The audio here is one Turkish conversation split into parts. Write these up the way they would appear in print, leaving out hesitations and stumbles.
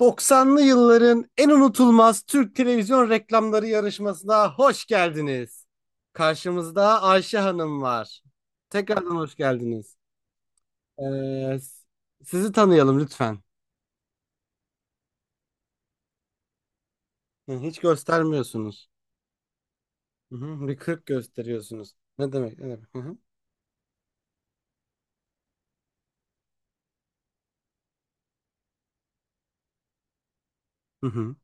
90'lı yılların en unutulmaz Türk televizyon reklamları yarışmasına hoş geldiniz. Karşımızda Ayşe Hanım var. Tekrardan hoş geldiniz. Ee, s- sizi tanıyalım lütfen. Hı, Hiç göstermiyorsunuz. Hı hı, bir kırk gösteriyorsunuz. Ne demek? Ne demek? Hı hı. Hı hı.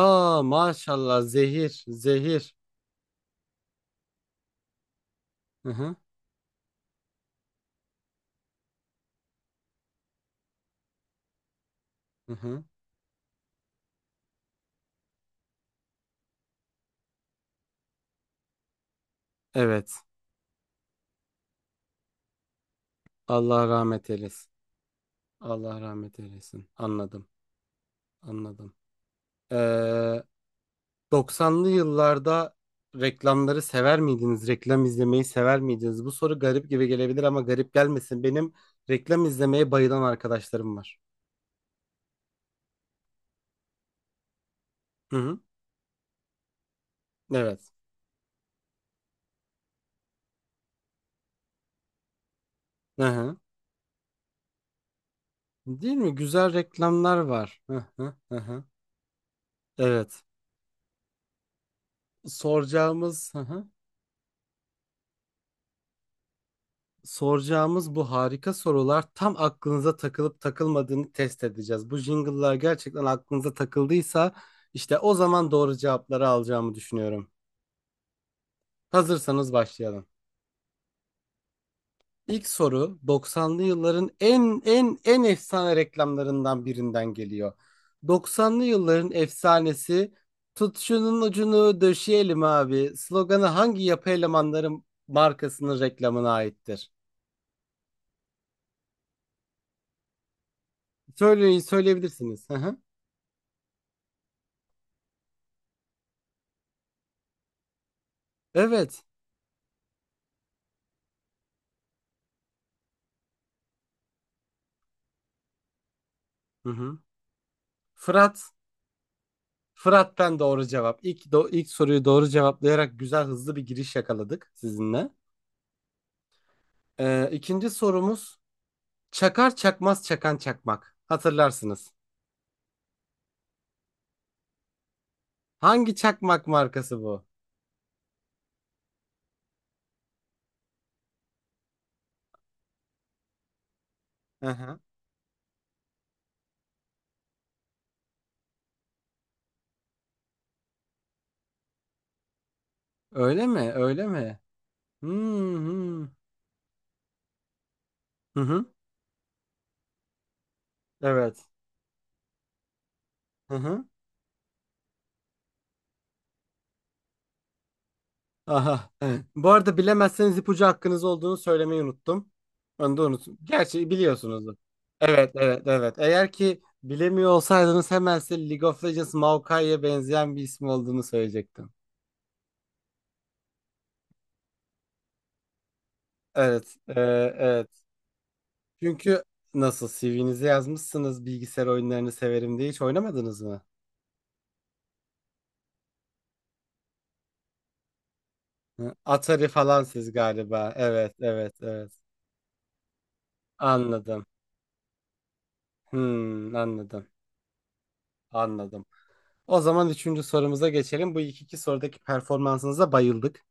Aa, maşallah, zehir zehir. Hı hı. Hı hı. Evet. Allah rahmet eylesin. Allah rahmet eylesin. Anladım. Anladım. Ee, 90'lı yıllarda reklamları sever miydiniz? Reklam izlemeyi sever miydiniz? Bu soru garip gibi gelebilir ama garip gelmesin. Benim reklam izlemeye bayılan arkadaşlarım var. Hı hı. Evet. Hı hı. Değil mi? Güzel reklamlar var. Hı hı hı hı. Evet. Soracağımız hı hı. Soracağımız bu harika sorular tam aklınıza takılıp takılmadığını test edeceğiz. Bu jingle'lar gerçekten aklınıza takıldıysa işte o zaman doğru cevapları alacağımı düşünüyorum. Hazırsanız başlayalım. İlk soru 90'lı yılların en efsane reklamlarından birinden geliyor. 90'lı yılların efsanesi "Tut şunun ucunu döşeyelim abi" sloganı hangi yapı elemanları markasının reklamına aittir? Söyleyin, söyleyebilirsiniz. Hı hı. Evet. Hı hı. Fırat. Fırat'tan doğru cevap. İlk soruyu doğru cevaplayarak güzel, hızlı bir giriş yakaladık sizinle. İkinci sorumuz, "Çakar çakmaz çakan çakmak." Hatırlarsınız. Hangi çakmak markası bu? Hı hı. Öyle mi? Öyle mi? Hmm. Hı hı. Hı hı. Evet. Hı hı. Aha. Bu arada bilemezseniz ipucu hakkınız olduğunu söylemeyi unuttum. Onu da unuttum. Gerçi biliyorsunuzdur. Evet, evet, evet. Eğer ki bilemiyor olsaydınız hemen size League of Legends Maokai'ye benzeyen bir ismi olduğunu söyleyecektim. Evet. e, evet. Çünkü nasıl CV'nize yazmışsınız bilgisayar oyunlarını severim diye hiç oynamadınız mı? Hı, Atari falan siz galiba. Evet, evet, evet. Anladım. Hmm, anladım. Anladım. O zaman üçüncü sorumuza geçelim. Bu ilk iki sorudaki performansınıza bayıldık.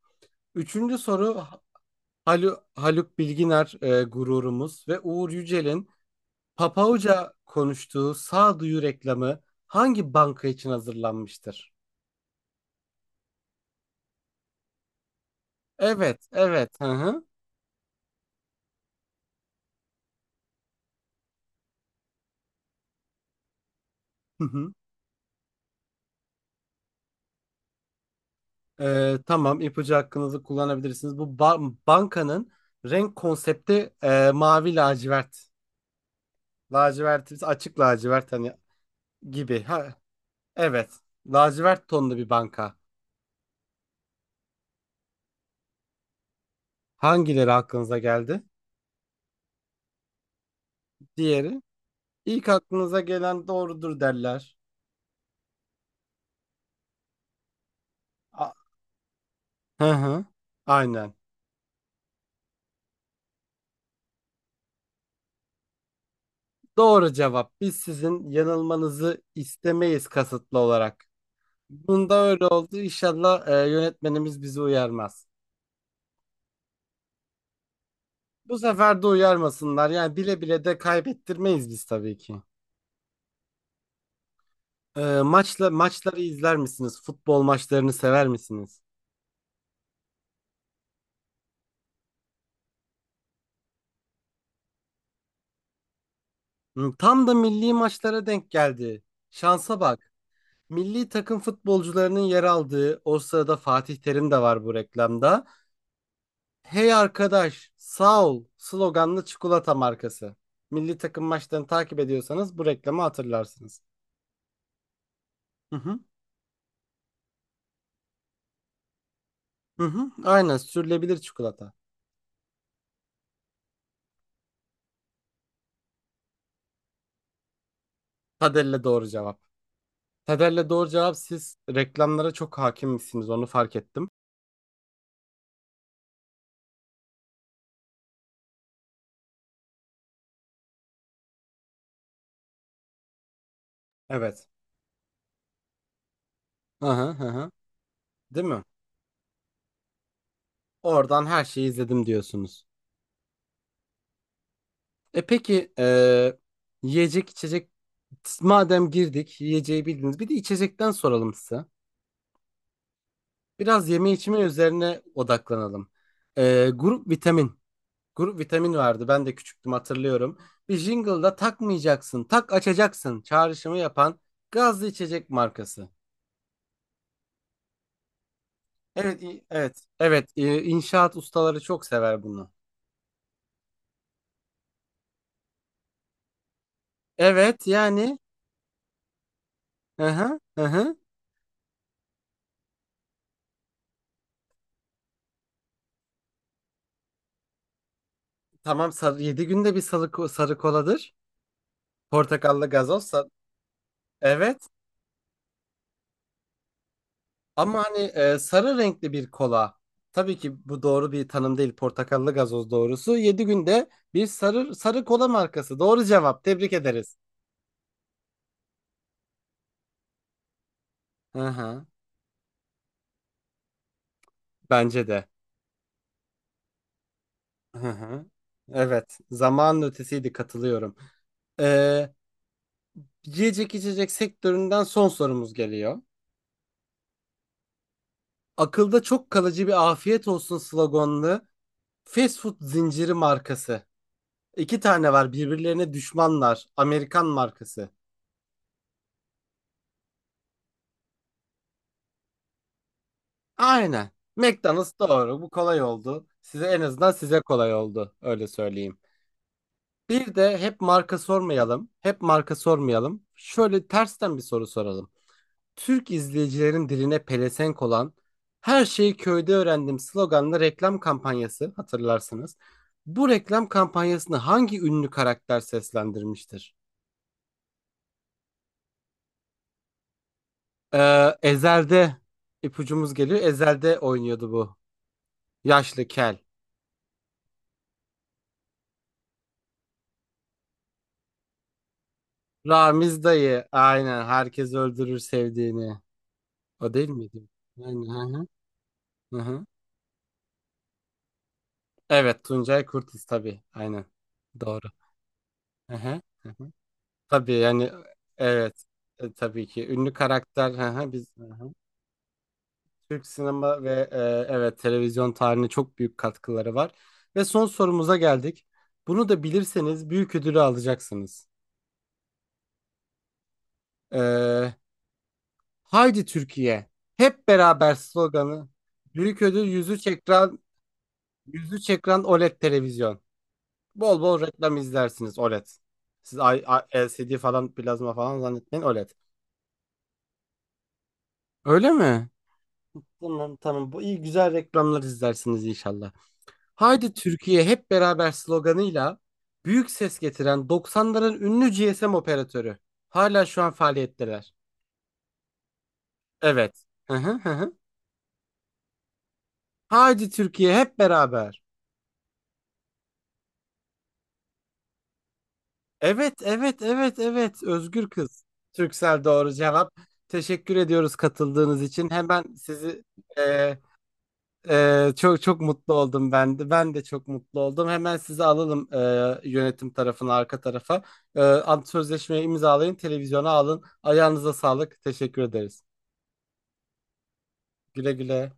Üçüncü soru: Haluk Bilginer, gururumuz, ve Uğur Yücel'in Papauca konuştuğu sağduyu reklamı hangi banka için hazırlanmıştır? Evet, evet. Hı hı. Tamam, ipucu hakkınızı kullanabilirsiniz. Bu bankanın renk konsepti mavi, lacivert. Lacivert, açık lacivert hani gibi. Ha, evet. Lacivert tonlu bir banka. Hangileri aklınıza geldi? Diğeri. İlk aklınıza gelen doğrudur derler. A- Hı hı. Aynen. Doğru cevap. Biz sizin yanılmanızı istemeyiz kasıtlı olarak. Bunda öyle oldu. İnşallah yönetmenimiz bizi uyarmaz. Bu sefer de uyarmasınlar. Yani bile bile de kaybettirmeyiz biz tabii ki. Maçları izler misiniz? Futbol maçlarını sever misiniz? Hı, Tam da milli maçlara denk geldi. Şansa bak. Milli takım futbolcularının yer aldığı, o sırada Fatih Terim de var bu reklamda. "Hey arkadaş, sağ ol" sloganlı çikolata markası. Milli takım maçlarını takip ediyorsanız bu reklamı hatırlarsınız. Hı hı. Hı hı. Aynen, sürülebilir çikolata. Tadelle doğru cevap. Tadelle doğru cevap, siz reklamlara çok hakim misiniz onu fark ettim. Evet. Hı hı hı hı. Değil mi? Oradan her şeyi izledim diyorsunuz. Peki, yiyecek içecek, madem girdik yiyeceği bildiniz, bir de içecekten soralım size. Biraz yeme içme üzerine odaklanalım. Grup vitamin. Grup vitamin vardı, ben de küçüktüm, hatırlıyorum. Bir jingle'da "takmayacaksın, tak açacaksın" çağrışımı yapan gazlı içecek markası. Evet, evet, evet. İnşaat ustaları çok sever bunu. Evet, yani. Hı hı, hı hı. Tamam, sarı, 7 günde bir sarı, sarı koladır. Portakallı gazoz. Evet. Ama hani sarı renkli bir kola. Tabii ki bu doğru bir tanım değil. Portakallı gazoz doğrusu. 7 günde bir sarı sarı kola markası. Doğru cevap. Tebrik ederiz. Hı hı. Bence de. Hı hı. Evet. Zamanın ötesiydi. Katılıyorum. Ee, yiyecek içecek sektöründen son sorumuz geliyor. Akılda çok kalıcı, bir "afiyet olsun" sloganlı fast food zinciri markası. İki tane var, birbirlerine düşmanlar. Amerikan markası. Aynen. McDonald's doğru. Bu kolay oldu. Size, en azından size, kolay oldu. Öyle söyleyeyim. Bir de hep marka sormayalım. Hep marka sormayalım. Şöyle tersten bir soru soralım. Türk izleyicilerin diline pelesenk olan "Her şeyi köyde öğrendim" sloganlı reklam kampanyası hatırlarsınız. Bu reklam kampanyasını hangi ünlü karakter seslendirmiştir? Ezel'de ipucumuz geliyor. Ezel'de oynuyordu bu. Yaşlı, kel. Ramiz dayı. Aynen. Herkes öldürür sevdiğini. O değil miydi? Aynen. Hı hı. Hı hı. Evet. Tuncay Kurtiz, tabii. Aynen. Doğru. Hı hı. Tabii, yani, evet. Tabii ki ünlü karakter, hı hı, biz hı hı. Türk sinema ve evet, televizyon tarihine çok büyük katkıları var. Ve son sorumuza geldik. Bunu da bilirseniz büyük ödülü alacaksınız. Ee, Haydi Türkiye. Hep beraber sloganı. Büyük ödül, yüzü ekran OLED televizyon. Bol bol reklam izlersiniz, OLED. Siz LCD falan, plazma falan zannetmeyin, OLED. Öyle mi? Tamam, tamam. Bu iyi, güzel reklamlar izlersiniz inşallah. Haydi Türkiye hep beraber sloganıyla büyük ses getiren 90'ların ünlü GSM operatörü. Hala şu an faaliyetteler. Evet. Hı hı hı hı. Haydi Türkiye hep beraber. Evet, evet, evet, evet, Özgür kız. Türksel doğru cevap. Teşekkür ediyoruz katıldığınız için. Hemen sizi, e, çok çok mutlu oldum ben de. Ben de çok mutlu oldum. Hemen sizi alalım yönetim tarafına, arka tarafa. Ant sözleşmeyi imzalayın, televizyona alın. Ayağınıza sağlık. Teşekkür ederiz. Güle güle.